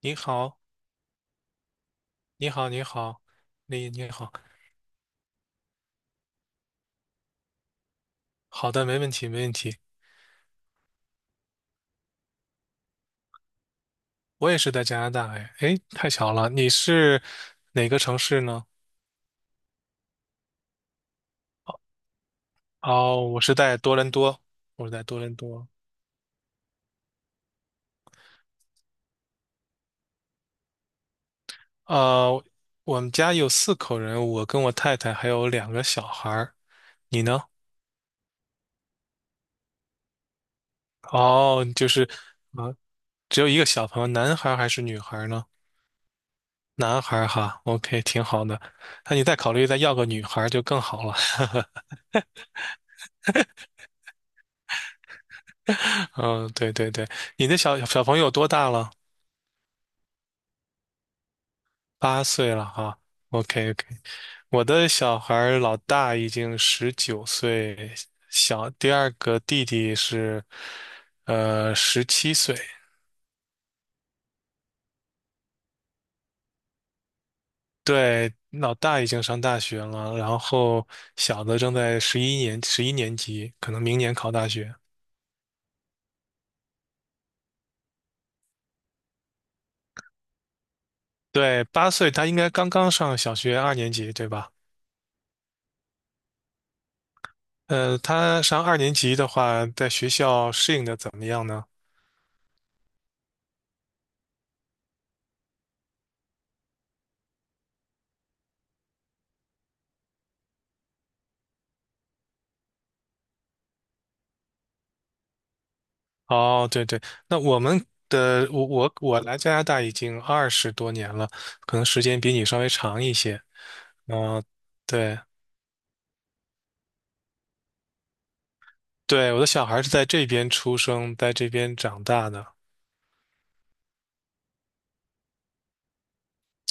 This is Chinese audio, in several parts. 你好，你好，你好，你好，好的，没问题，没问题。我也是在加拿大，哎，哎，太巧了，你是哪个城市呢？哦，我是在多伦多，我是在多伦多。呃，我们家有四口人，我跟我太太还有两个小孩儿。你呢？哦，啊，只有一个小朋友，男孩儿还是女孩儿呢？男孩儿哈，OK，挺好的。那你再考虑再要个女孩儿就更好了。嗯，对对对，你的小朋友多大了？八岁了哈。OK OK，我的小孩儿老大已经19岁，第二个弟弟是17岁。对，老大已经上大学了，然后小的正在十一年级，可能明年考大学。对，八岁他应该刚刚上小学二年级，对吧？他上二年级的话，在学校适应的怎么样呢？哦，对对，那我们的我我我来加拿大已经20多年了，可能时间比你稍微长一些。嗯、对对，我的小孩是在这边出生，在这边长大的。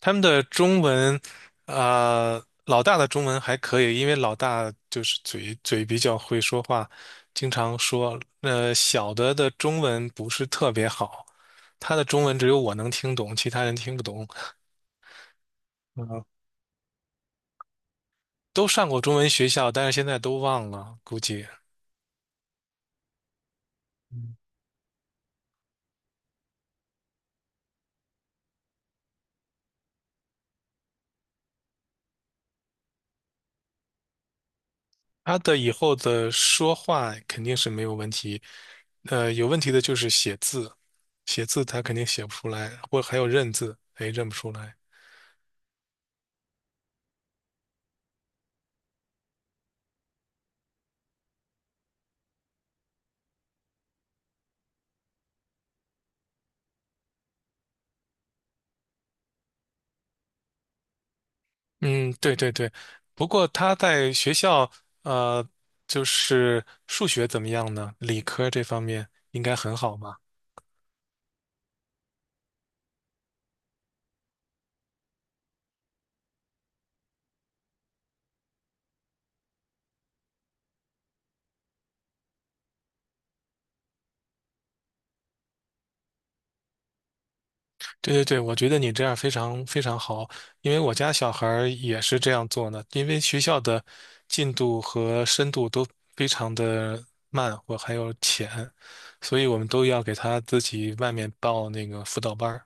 他们的中文，老大的中文还可以，因为老大就是嘴比较会说话，经常说。小的中文不是特别好，他的中文只有我能听懂，其他人听不懂。嗯。都上过中文学校，但是现在都忘了，估计他的以后的说话肯定是没有问题，有问题的就是写字，写字他肯定写不出来，或还有认字，哎，认不出来。嗯，对对对。不过他在学校，呃，就是数学怎么样呢？理科这方面应该很好吧？对对对，我觉得你这样非常非常好，因为我家小孩儿也是这样做呢。因为学校的进度和深度都非常的慢，或还有浅，所以我们都要给他自己外面报那个辅导班儿。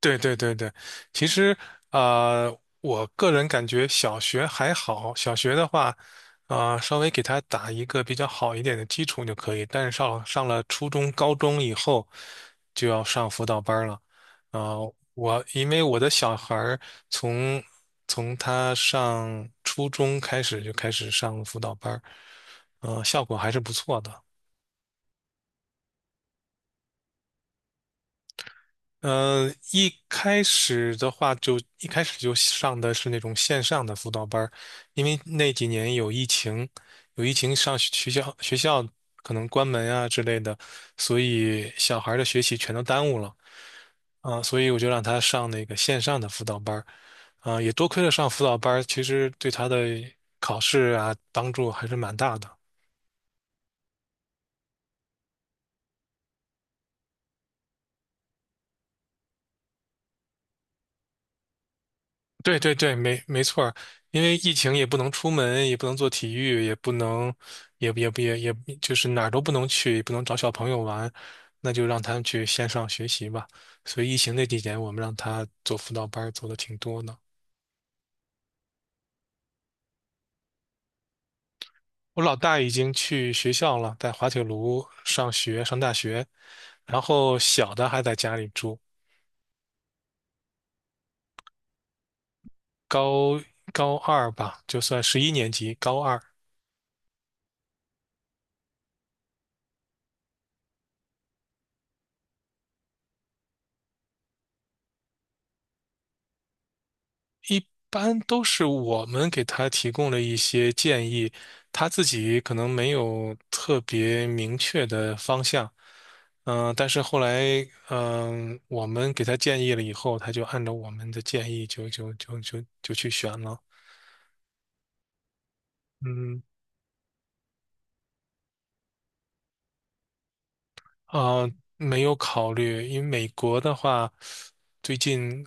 对对对对，其实我个人感觉小学还好，小学的话，稍微给他打一个比较好一点的基础就可以。但是上了初中、高中以后，就要上辅导班儿了。我因为我的小孩儿从从他上初中开始就开始上辅导班儿，效果还是不错的。一开始就上的是那种线上的辅导班儿，因为那几年有疫情，上学学校可能关门啊之类的，所以小孩儿的学习全都耽误了啊，所以我就让他上那个线上的辅导班儿，啊，也多亏了上辅导班儿，其实对他的考试啊帮助还是蛮大的。对对对，没错儿，因为疫情也不能出门，也不能做体育，也不能，也也也也，就是哪儿都不能去，也不能找小朋友玩，那就让他们去线上学习吧。所以疫情那几年，我们让他做辅导班儿，做的挺多的。我老大已经去学校了，在滑铁卢上学，上大学，然后小的还在家里住，高高二吧，就算十一年级，高二一般都是我们给他提供了一些建议，他自己可能没有特别明确的方向。嗯、但是后来，嗯、我们给他建议了以后，他就按照我们的建议就去选了。嗯。呃，没有考虑，因为美国的话，最近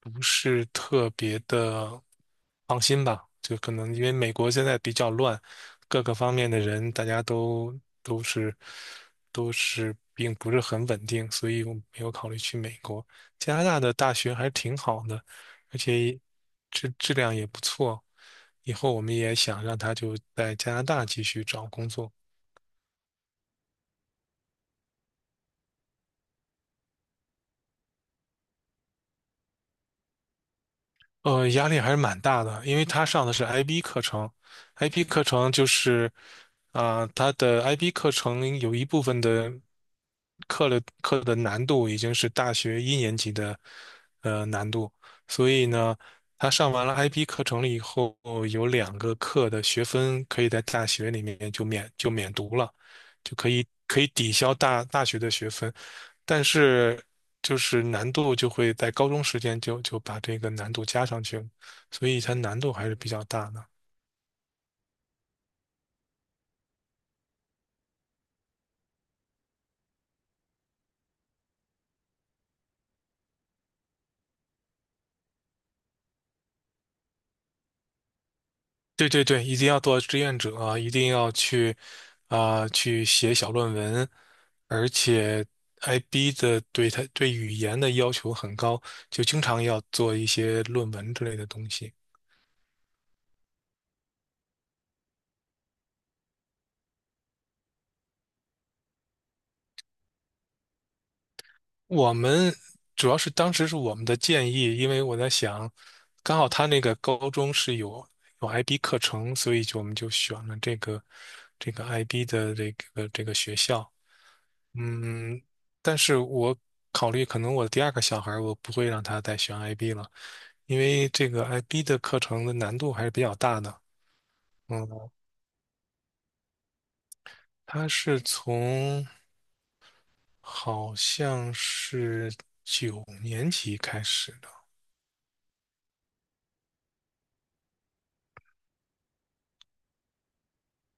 不是特别的放心吧？就可能因为美国现在比较乱，各个方面的人大家都都是并不是很稳定，所以我没有考虑去美国。加拿大的大学还是挺好的，而且质量也不错。以后我们也想让他就在加拿大继续找工作。压力还是蛮大的，因为他上的是 IB 课程，IB 课程就是，他的 IB 课程有一部分的课的难度已经是大学一年级的难度，所以呢，他上完了 IB 课程了以后，有两个课的学分可以在大学里面就免读了，就可以抵消大学的学分。但是就是难度就会在高中时间就把这个难度加上去了，所以它难度还是比较大的。对对对，一定要做志愿者啊一定要去去写小论文，而且 IB 的对它对语言的要求很高，就经常要做一些论文之类的东西。我们主要是当时是我们的建议，因为我在想，刚好他那个高中是有 IB 课程，所以就我们就选了这个 IB 的这个学校。嗯，但是我考虑可能我第二个小孩儿我不会让他再选 IB 了，因为这个 IB 的课程的难度还是比较大的。嗯，他是从好像是九年级开始。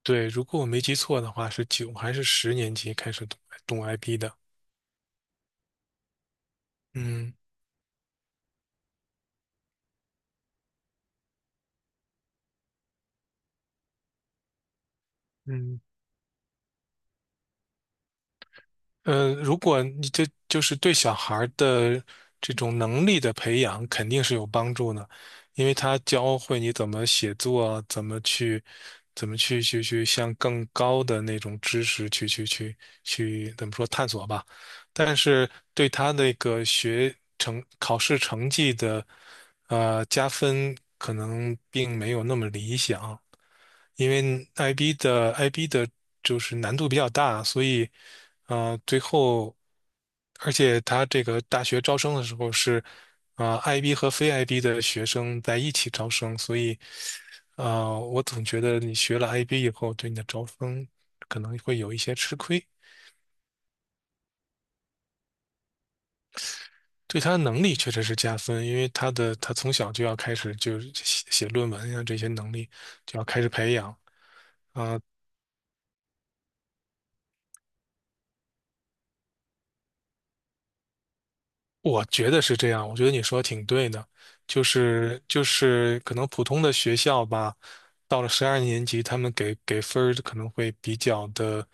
对，如果我没记错的话，是九还是十年级开始懂 i P 的？嗯嗯，嗯，如果你这就是对小孩儿的这种能力的培养，肯定是有帮助的，因为他教会你怎么写作，怎么去，怎么去向更高的那种知识去去去去怎么说探索吧。但是对他那个学成考试成绩的加分，可能并没有那么理想。因为 IB 的就是难度比较大，所以最后，而且他这个大学招生的时候是IB 和非 IB 的学生在一起招生，所以我总觉得你学了 IB 以后，对你的招生可能会有一些吃亏。对他的能力确实是加分，因为他的他从小就要开始就是写论文呀，这些能力就要开始培养，我觉得是这样，我觉得你说的挺对的，就是可能普通的学校吧，到了12年级，他们给分儿可能会比较的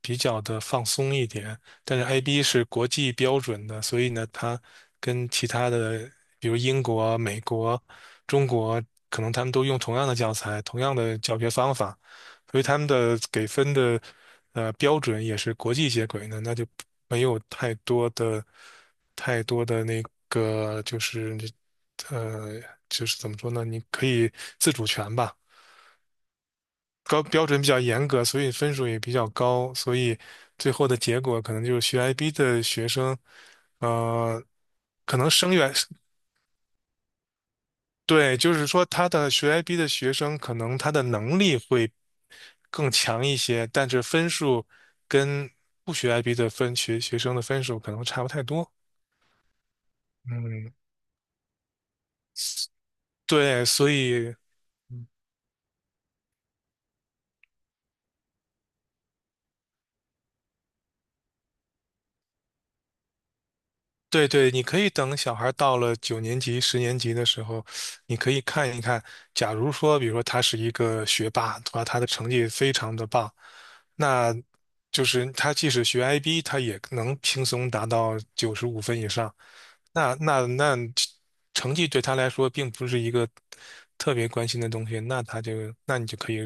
比较的放松一点，但是 IB 是国际标准的，所以呢，它跟其他的比如英国、美国、中国，可能他们都用同样的教材、同样的教学方法，所以他们的给分的标准也是国际接轨的，那就没有太多的那个就是呃就是怎么说呢？你可以自主权吧，高标准比较严格，所以分数也比较高，所以最后的结果可能就是学 IB 的学生，呃，可能生源。对，就是说他的学 IB 的学生，可能他的能力会更强一些，但是分数跟不学 IB 的学生的分数可能差不太多。嗯，对，所以对对，你可以等小孩到了九年级、十年级的时候，你可以看一看，假如说，比如说他是一个学霸，他的成绩非常的棒，那就是他即使学 IB，他也能轻松达到95分以上。那成绩对他来说并不是一个特别关心的东西，那他就那你就可以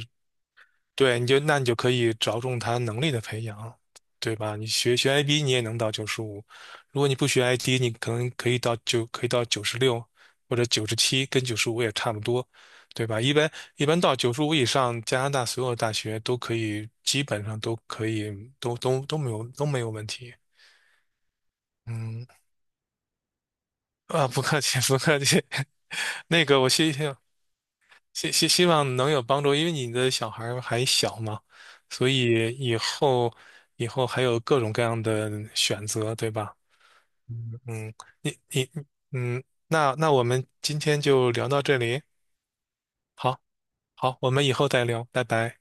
那你就可以着重他能力的培养，对吧？你学 IB 你也能到95，如果你不学 i D，你可能可以到96或者97，跟九十五也差不多，对吧？一般一般到九十五以上，加拿大所有大学都可以基本上都可以都没有问题。嗯。啊，不客气，不客气。那个，我希望希望能有帮助，因为你的小孩儿还小嘛，所以以后还有各种各样的选择，对吧？嗯嗯，你你嗯，我们今天就聊到这里，好，好，我们以后再聊，拜拜。